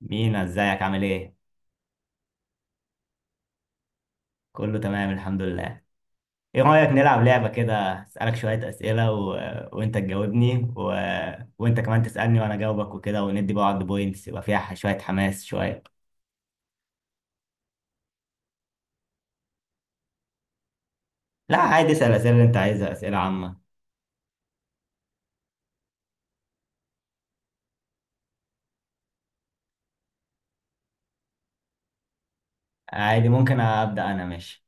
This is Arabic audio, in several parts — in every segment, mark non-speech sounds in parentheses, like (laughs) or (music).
مينا، ازيك؟ عامل ايه؟ كله تمام الحمد لله. ايه رأيك نلعب لعبة كده؟ اسألك شوية اسئلة وانت تجاوبني، وانت كمان تسألني وانا اجاوبك وكده، وندي بعض بوينتس يبقى فيها شوية حماس شوية. لا عادي، اسأل الاسئلة اللي انت عايزها، اسئلة عامة. عادي ممكن ابدأ انا، ماشي.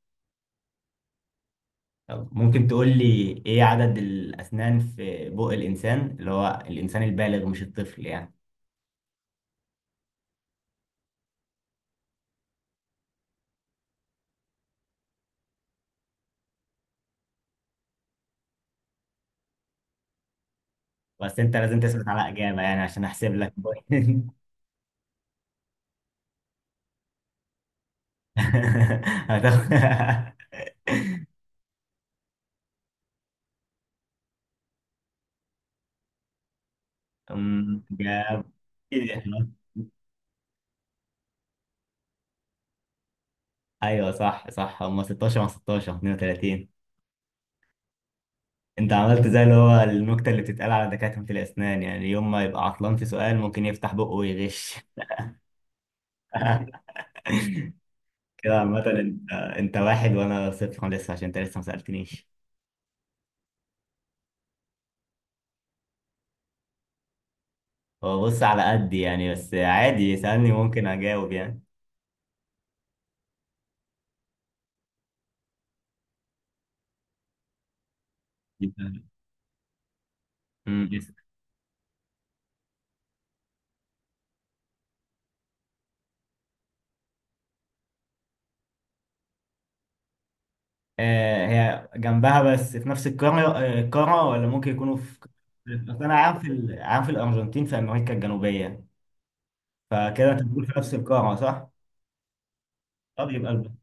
طب ممكن تقول لي ايه عدد الاسنان في بق الانسان، اللي هو الانسان البالغ مش الطفل يعني. بس انت لازم تثبت على اجابة يعني، عشان احسب لك بوينت. (laughs) هتاخد. (laughs) جاب. إيه ده؟ ايوه صح صح، هم 16 مع 16 32. انت عملت زي اللي هو النكته اللي بتتقال على دكاتره الاسنان، يعني يوم ما يبقى عطلان في سؤال ممكن يفتح بقه ويغش. (laughs) كده عامه انت واحد وانا صفر لسه، عشان انت لسه ما سالتنيش. هو بص، على قد يعني، بس عادي يسالني ممكن اجاوب يعني. (laughs) يس. آه هي جنبها، بس في نفس القاره، القاره ولا ممكن يكونوا في. أصل انا عارف عارف الارجنتين في امريكا الجنوبيه، فكده انت بتقول في نفس القاره صح؟ طب يبقى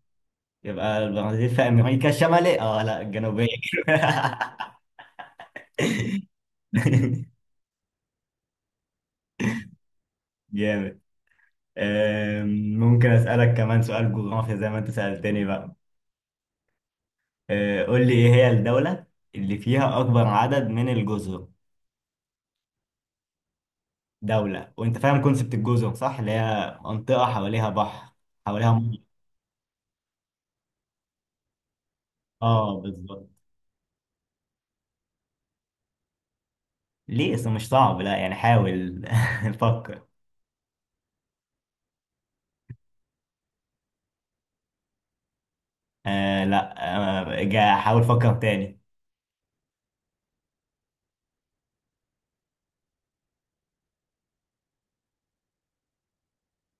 يبقى البرازيل في امريكا الشماليه، اه لا الجنوبيه. (laughs) جامد. آم، ممكن اسالك كمان سؤال جغرافيا زي ما انت سالتني بقى. قول لي ايه هي الدوله اللي فيها اكبر عدد من الجزر. دوله. وانت فاهم كونسبت الجزر صح؟ اللي هي منطقه حواليها بحر، حواليها ميه. اه بالظبط. ليه؟ اصل مش صعب، لا يعني حاول. (laughs) فكر. آه لا، آه حاول فكر تاني.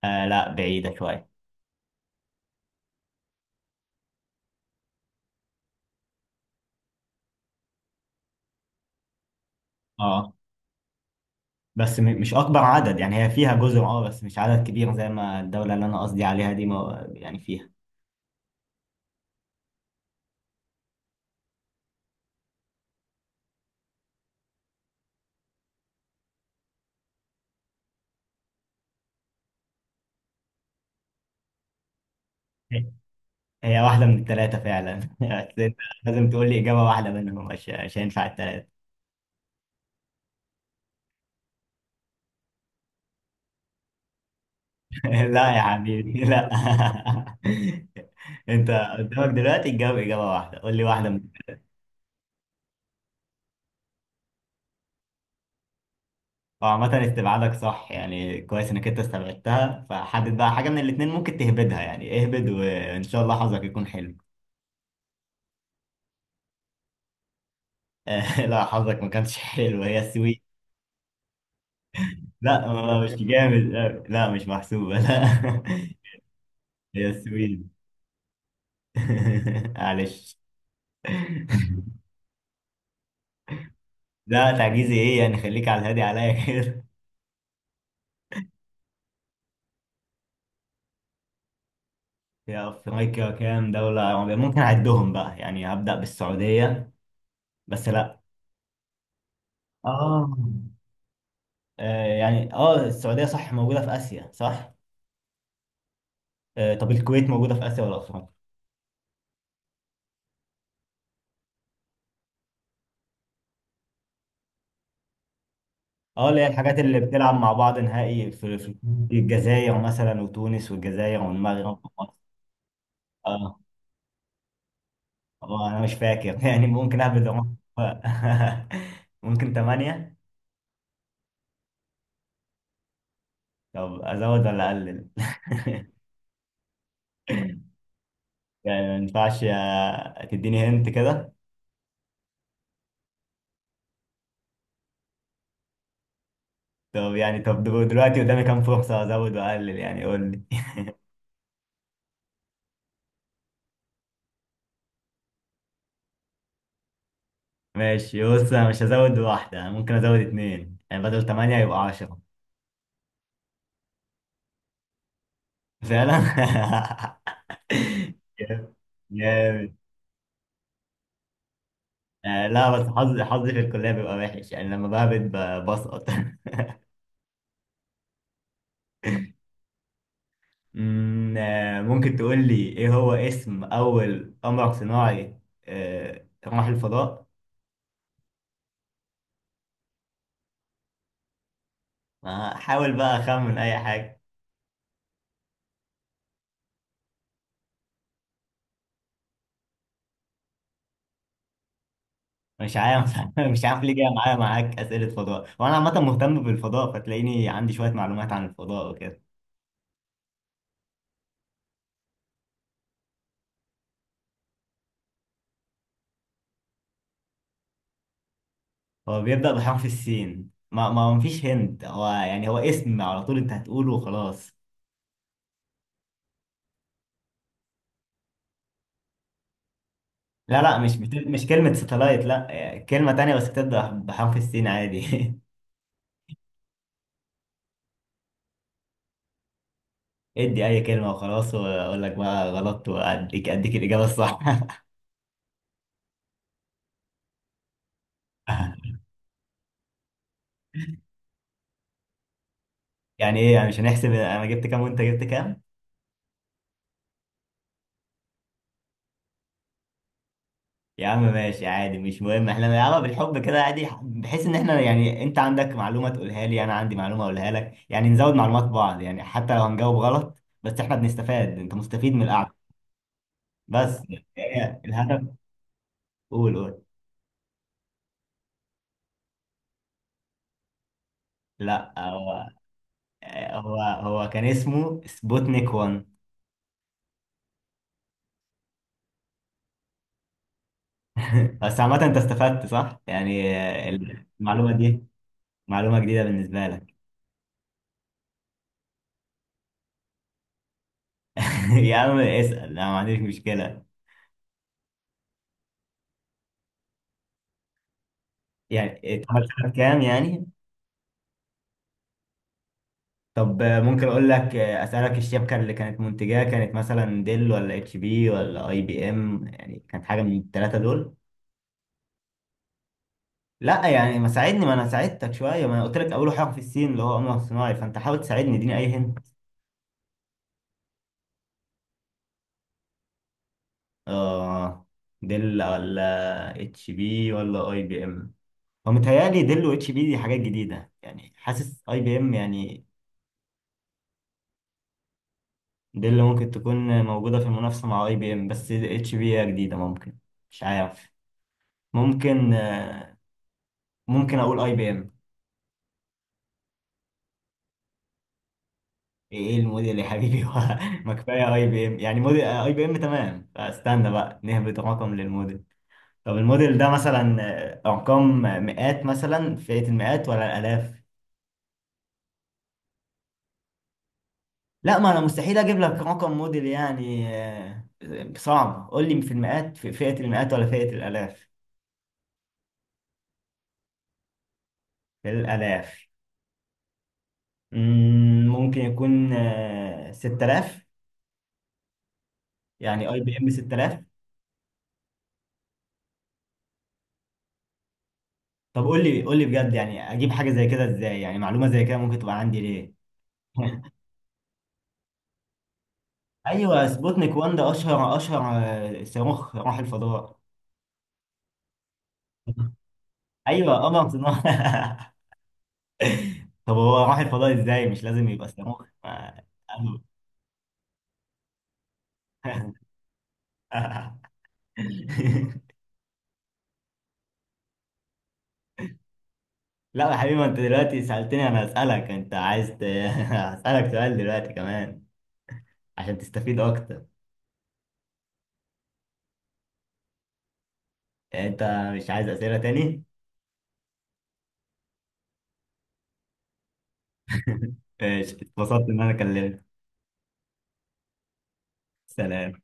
آه لا، بعيدة شوية. اه بس مش أكبر عدد، يعني هي فيها جزر اه، بس مش عدد كبير زي ما الدولة اللي أنا قصدي عليها دي ما يعني فيها. هي، هي واحدة من الثلاثة فعلا. (laughs) بس أنت لازم تقول لي إجابة واحدة منهم، مش هينفع الثلاثة. (laughs) لا يا حبيبي لا. (laughs) أنت قدامك دلوقتي تجاوب إجابة واحدة، قول لي واحدة من. وعامة استبعادك صح يعني، كويس إنك أنت استبعدتها، فحدد بقى حاجة من الاتنين ممكن تهبدها. يعني اهبد وإن شاء الله حظك يكون حلو. (laughs) لا، حظك ما كانش حلو، هي السويد. لا مش جامد، لا لا، مش محسوبة لا. (laughs) هي السويد. (laughs) معلش. لا تعجيزي ايه يعني، خليك على الهادي عليا كده. (laughs) يا افريقيا، كام دولة عربية؟ ممكن اعدهم بقى. يعني هبدأ بالسعودية، بس لا. اه، يعني اه السعودية صح، موجودة في آسيا صح. طب الكويت موجودة في آسيا ولا أفريقيا؟ اه اللي هي الحاجات اللي بتلعب مع بعض نهائي في. الجزائر مثلا، وتونس والجزائر والمغرب ومصر. اه، اه انا مش فاكر. (laughs) يعني ممكن اهبد رقم. (laughs) ممكن ثمانية. طب ازود ولا اقلل؟ (laughs) يعني ما ينفعش تديني هنت كده. طب يعني، طب دلوقتي قدامي كام فرصة ازود واقلل؟ يعني قول لي. (laughs) ماشي بص، انا مش هزود واحدة، انا ممكن ازود اتنين يعني، بدل ثمانية يبقى عشرة. فعلا. (laughs) جامد. آه لا، بس حظي، حظي في الكلية بيبقى وحش، يعني لما بهبت بسقط. (laughs) ممكن تقول لي ايه هو اسم اول قمر صناعي آه راح الفضاء؟ ما حاول بقى، اخمن اي حاجة. مش عارف. (laughs) مش عارف ليه جاية معايا، معاك أسئلة فضاء، وانا عامة مهتم بالفضاء، فتلاقيني عندي شوية معلومات عن الفضاء وكده. هو بيبدأ بحرف السين. ما مفيش هند، هو يعني هو اسم على طول انت هتقوله وخلاص. لا لا، مش كلمة ساتلايت، لا كلمة تانية بس بتبدأ بحرف السين عادي. (laughs) ادي أي كلمة وخلاص، وأقول لك بقى غلط، وأديك أديك الإجابة الصح. (laughs) يعني إيه يعني، مش هنحسب أنا جبت كام وأنت جبت كام؟ يا عم ماشي عادي، مش مهم، احنا بنلعبها بالحب كده عادي، بحيث إن احنا يعني أنت عندك معلومة تقولها لي، أنا عندي معلومة أقولها لك، يعني نزود معلومات بعض يعني، حتى لو هنجاوب غلط. بس احنا بنستفاد، أنت مستفيد من القعدة بس. (laughs) هي الهدف. قول قول. لا هو كان اسمه سبوتنيك 1. (laughs) بس عامة انت استفدت صح؟ يعني المعلومة دي معلومة جديدة بالنسبة لك. (laughs) يا عم اسأل، انا ما عنديش مشكلة. يعني اتعمل سنة كام يعني؟ طب ممكن اقول لك، اسألك الشبكة اللي كانت منتجاه كانت مثلا ديل ولا اتش بي ولا اي بي ام؟ يعني كانت حاجة من الثلاثة دول؟ لا يعني ما ساعدني، ما انا ساعدتك شوية، ما انا قلت لك اول حاجة في الصين اللي هو قمر صناعي، فانت حاول تساعدني اديني اي. اه، ديل ولا اتش بي ولا اي بي ام. هو متهيألي ديل واتش بي دي حاجات جديدة يعني، حاسس اي بي ام يعني. ديل ممكن تكون موجودة في المنافسة مع اي بي ام، بس اتش بي هي جديدة ممكن. مش عارف. ممكن ممكن اقول اي بي ام. ايه إيه الموديل يا حبيبي؟ (laughs) هو، ما كفاية اي بي ام يعني، موديل اي بي ام تمام، فاستنى بقى نهبط رقم للموديل. طب الموديل ده مثلا ارقام مئات مثلا، فئة المئات ولا الالاف؟ لا ما انا مستحيل اجيب لك رقم موديل يعني. صعب، قول لي في المئات، في فئة المئات ولا فئة الالاف. في الالاف. ممكن يكون 6000، يعني اي بي ام 6000. طب قول لي، قول لي بجد يعني، اجيب حاجة زي كده ازاي؟ يعني معلومة زي كده ممكن تبقى عندي ليه؟ (laughs) ايوه سبوتنيك 1 ده اشهر اشهر صاروخ راح الفضاء. (laughs) ايوه قمر صناعي. (laughs) طب هو راح الفضاء ازاي؟ مش لازم يبقى صاروخ (laughs) (laughs) لا يا حبيبي، ما انت دلوقتي سألتني، انا هسألك. انت عايز (laughs) هسألك سؤال دلوقتي كمان عشان تستفيد اكتر. يعني انت مش عايز أسئلة تاني؟ (laughs) ماشي، اتبسطت ان انا كلمتك. سلام.